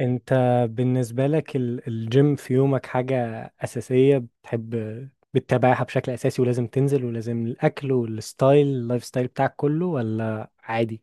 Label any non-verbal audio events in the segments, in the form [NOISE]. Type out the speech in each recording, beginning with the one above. انت، بالنسبة لك الجيم في يومك حاجة أساسية بتحب بتتابعها بشكل أساسي، ولازم تنزل، ولازم الأكل والستايل، اللايف ستايل بتاعك كله، ولا عادي؟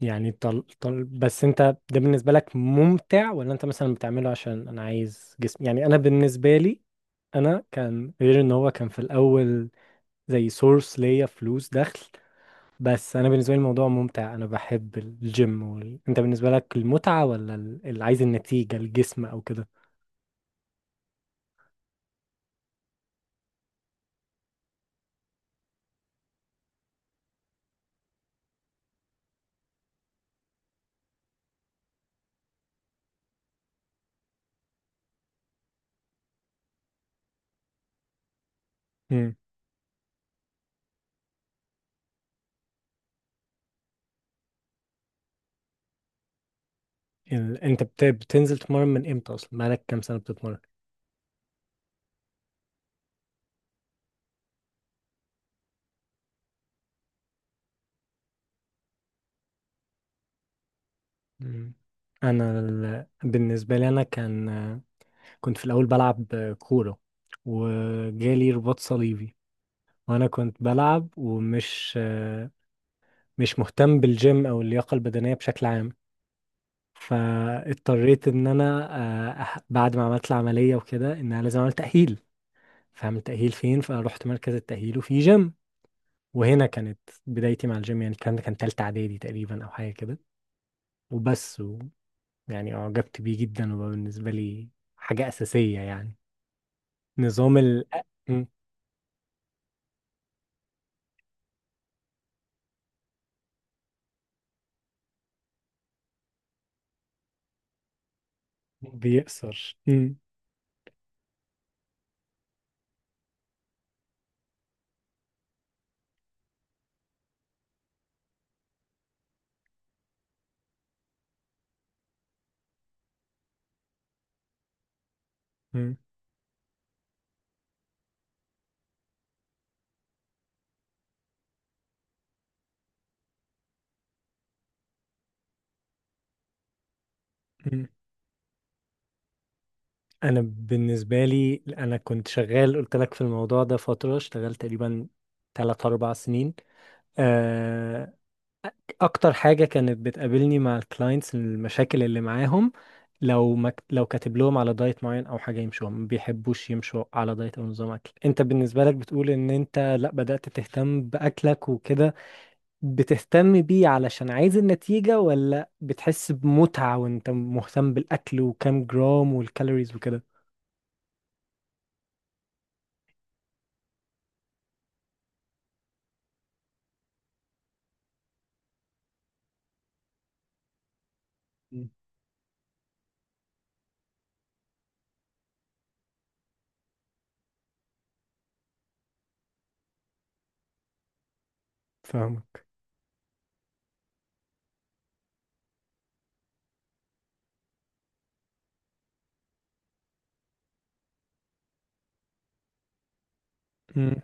يعني بس انت، ده بالنسبة لك ممتع، ولا انت مثلا بتعمله عشان انا عايز جسم؟ يعني انا بالنسبة لي، انا كان، غير ان هو كان في الأول زي سورس ليا فلوس دخل، بس انا بالنسبه لي الموضوع ممتع، انا بحب الجيم. انت بالنسبه لك المتعه، ولا اللي عايز النتيجه، الجسم او كده؟ امم انت بتنزل تتمرن من امتى اصلا؟ بقالك كام سنه بتتمرن؟ مم. انا بالنسبه لي انا كان، كنت في الاول بلعب كوره، وجالي رباط صليبي، وانا كنت بلعب ومش مش مهتم بالجيم او اللياقه البدنيه بشكل عام، فاضطريت ان انا، بعد ما عملت العمليه وكده، ان انا لازم اعمل تاهيل، فاعمل تأهيل فين؟ فرحت مركز التأهيل وفي جيم، وهنا كانت بدايتي مع الجيم. يعني الكلام ده كان تالتة إعدادي تقريبا أو حاجة كده، وبس و يعني أعجبت بيه جدا، وبقى بالنسبة لي حاجة أساسية يعني. نظام م- بيأثر م- م- م. أنا بالنسبة لي أنا كنت شغال، قلت لك في الموضوع ده فترة، اشتغلت تقريبا تلات أربع سنين. آه، اكتر حاجه كانت بتقابلني مع الكلاينتس المشاكل اللي معاهم، لو ما ك- لو كاتب لهم على دايت معين او حاجه يمشوها، ما بيحبوش يمشوا على دايت او نظام اكل. انت بالنسبه لك بتقول ان انت لا، بدات تهتم باكلك وكده، بتهتم بيه علشان عايز النتيجه، ولا بتحس بمتعه وانت مهتم بالاكل وكام جرام والكالوريز وكده؟ مم. فاهمك. مم.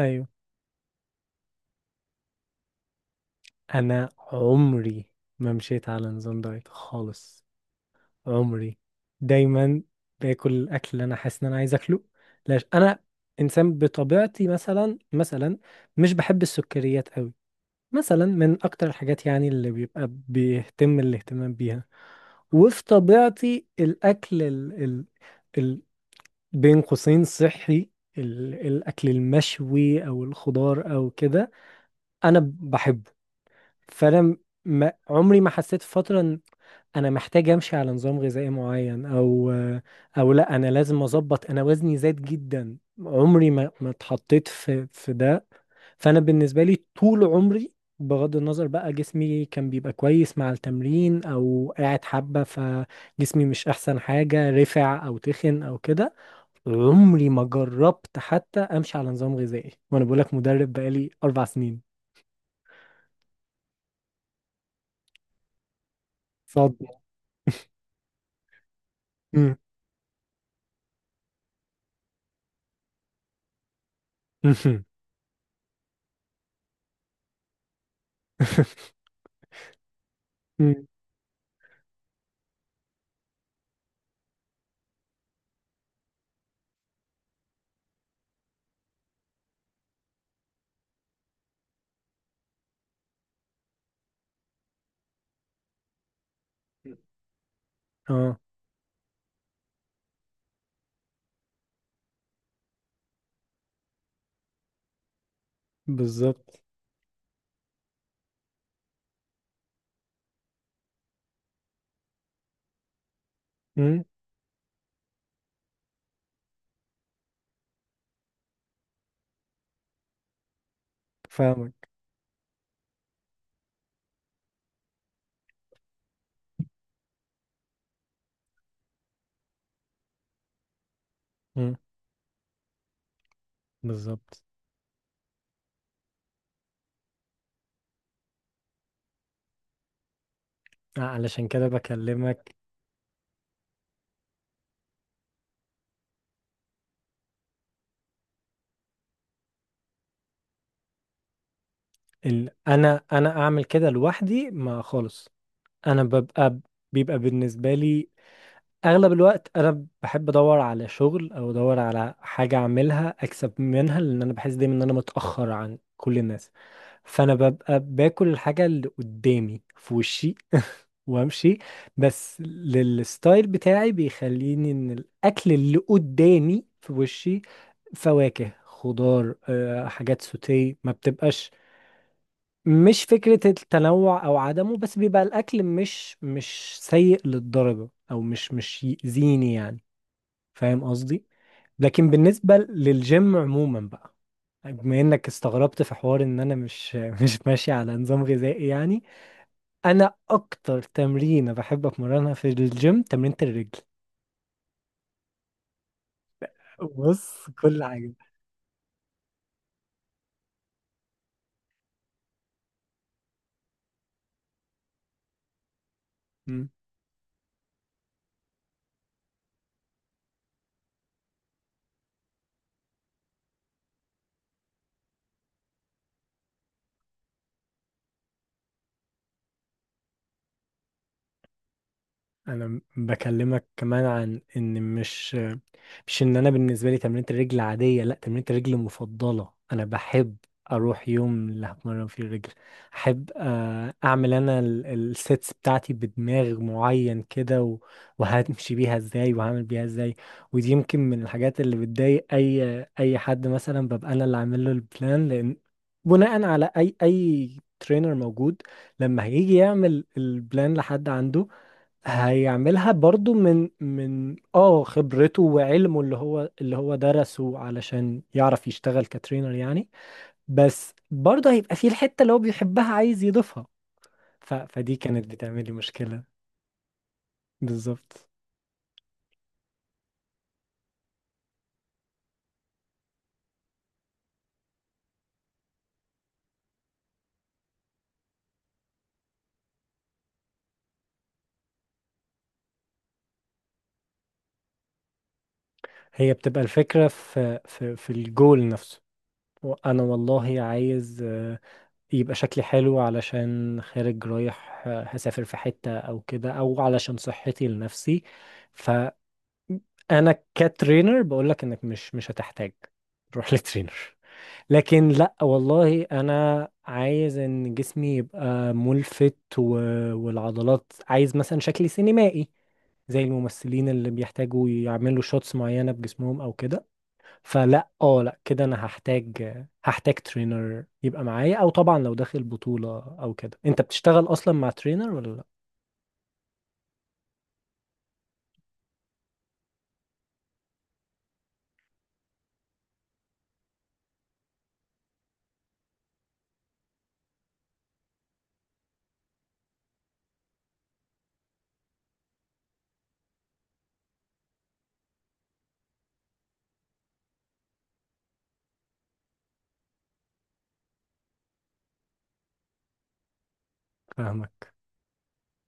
ايوه. انا عمري ما مشيت على نظام دايت خالص، عمري، دايما باكل الاكل اللي انا حاسس ان انا عايز اكله. لاش انا انسان بطبيعتي، مثلا مش بحب السكريات قوي، مثلا، من اكتر الحاجات يعني اللي بيبقى بيهتم الاهتمام بيها. وفي طبيعتي الاكل ال بين قوسين صحي، الاكل المشوي او الخضار او كده، انا بحبه. فانا ما عمري ما حسيت فترة انا محتاج امشي على نظام غذائي معين، او او لا انا لازم اظبط، انا وزني زاد جدا، عمري ما اتحطيت في ده. فانا بالنسبه لي طول عمري، بغض النظر بقى جسمي كان بيبقى كويس مع التمرين او قاعد حبه، فجسمي مش احسن حاجه، رفع او تخن او كده، عمري ما جربت حتى امشي على نظام غذائي، وانا بقول لك مدرب بقالي اربع سنين. صدمه. مم. [LAUGHS] مم. اه. بالظبط. فاهمك. مم، بالظبط. علشان كده بكلمك. انا اعمل كده لوحدي، ما خالص انا ببقى، بيبقى بالنسبه لي اغلب الوقت انا بحب ادور على شغل او ادور على حاجه اعملها اكسب منها، لان انا بحس دايما ان انا متاخر عن كل الناس، فانا ببقى باكل الحاجه اللي قدامي في وشي وامشي، بس للستايل بتاعي بيخليني ان الاكل اللي قدامي في وشي فواكه، خضار، حاجات سوتيه، ما بتبقاش مش فكرة التنوع او عدمه، بس بيبقى الاكل مش سيء للدرجة، او مش يأذيني يعني. فاهم قصدي؟ لكن بالنسبة للجيم عموما بقى، بما انك استغربت في حوار ان انا مش ماشي على نظام غذائي يعني، انا اكتر تمرينه بحب اتمرنها في الجيم تمرينة الرجل. بص، كل حاجة. انا بكلمك كمان عن ان مش ان انا بالنسبه لي تمرينة الرجل عاديه، لا، تمرينة الرجل مفضله، انا بحب اروح يوم اللي هتمرن فيه الرجل، احب اعمل انا السيتس بتاعتي بدماغ معين كده، وهمشي بيها ازاي وهعمل بيها ازاي. ودي يمكن من الحاجات اللي بتضايق اي حد، مثلا ببقى انا اللي عامل له البلان، لان بناء على اي ترينر موجود لما هيجي يعمل البلان لحد عنده، هيعملها برضو من اه خبرته وعلمه، اللي هو درسه علشان يعرف يشتغل كترينر يعني، بس برضو هيبقى فيه الحتة اللي هو بيحبها عايز يضيفها. فدي كانت بتعمل لي مشكلة. بالظبط. هي بتبقى الفكرة في الجول نفسه. انا والله عايز يبقى شكلي حلو علشان خارج رايح هسافر في حتة او كده، او علشان صحتي لنفسي، انا كترينر بقول لك انك مش هتحتاج روح لترينر. [LAUGHS] لكن لا والله انا عايز ان جسمي يبقى ملفت و... والعضلات، عايز مثلا شكلي سينمائي زي الممثلين اللي بيحتاجوا يعملوا شوتس معينة بجسمهم او كده، فلا اه لا كده انا هحتاج ترينر يبقى معايا. او طبعا لو داخل بطولة او كده، انت بتشتغل اصلا مع ترينر ولا لا؟ فاهمك.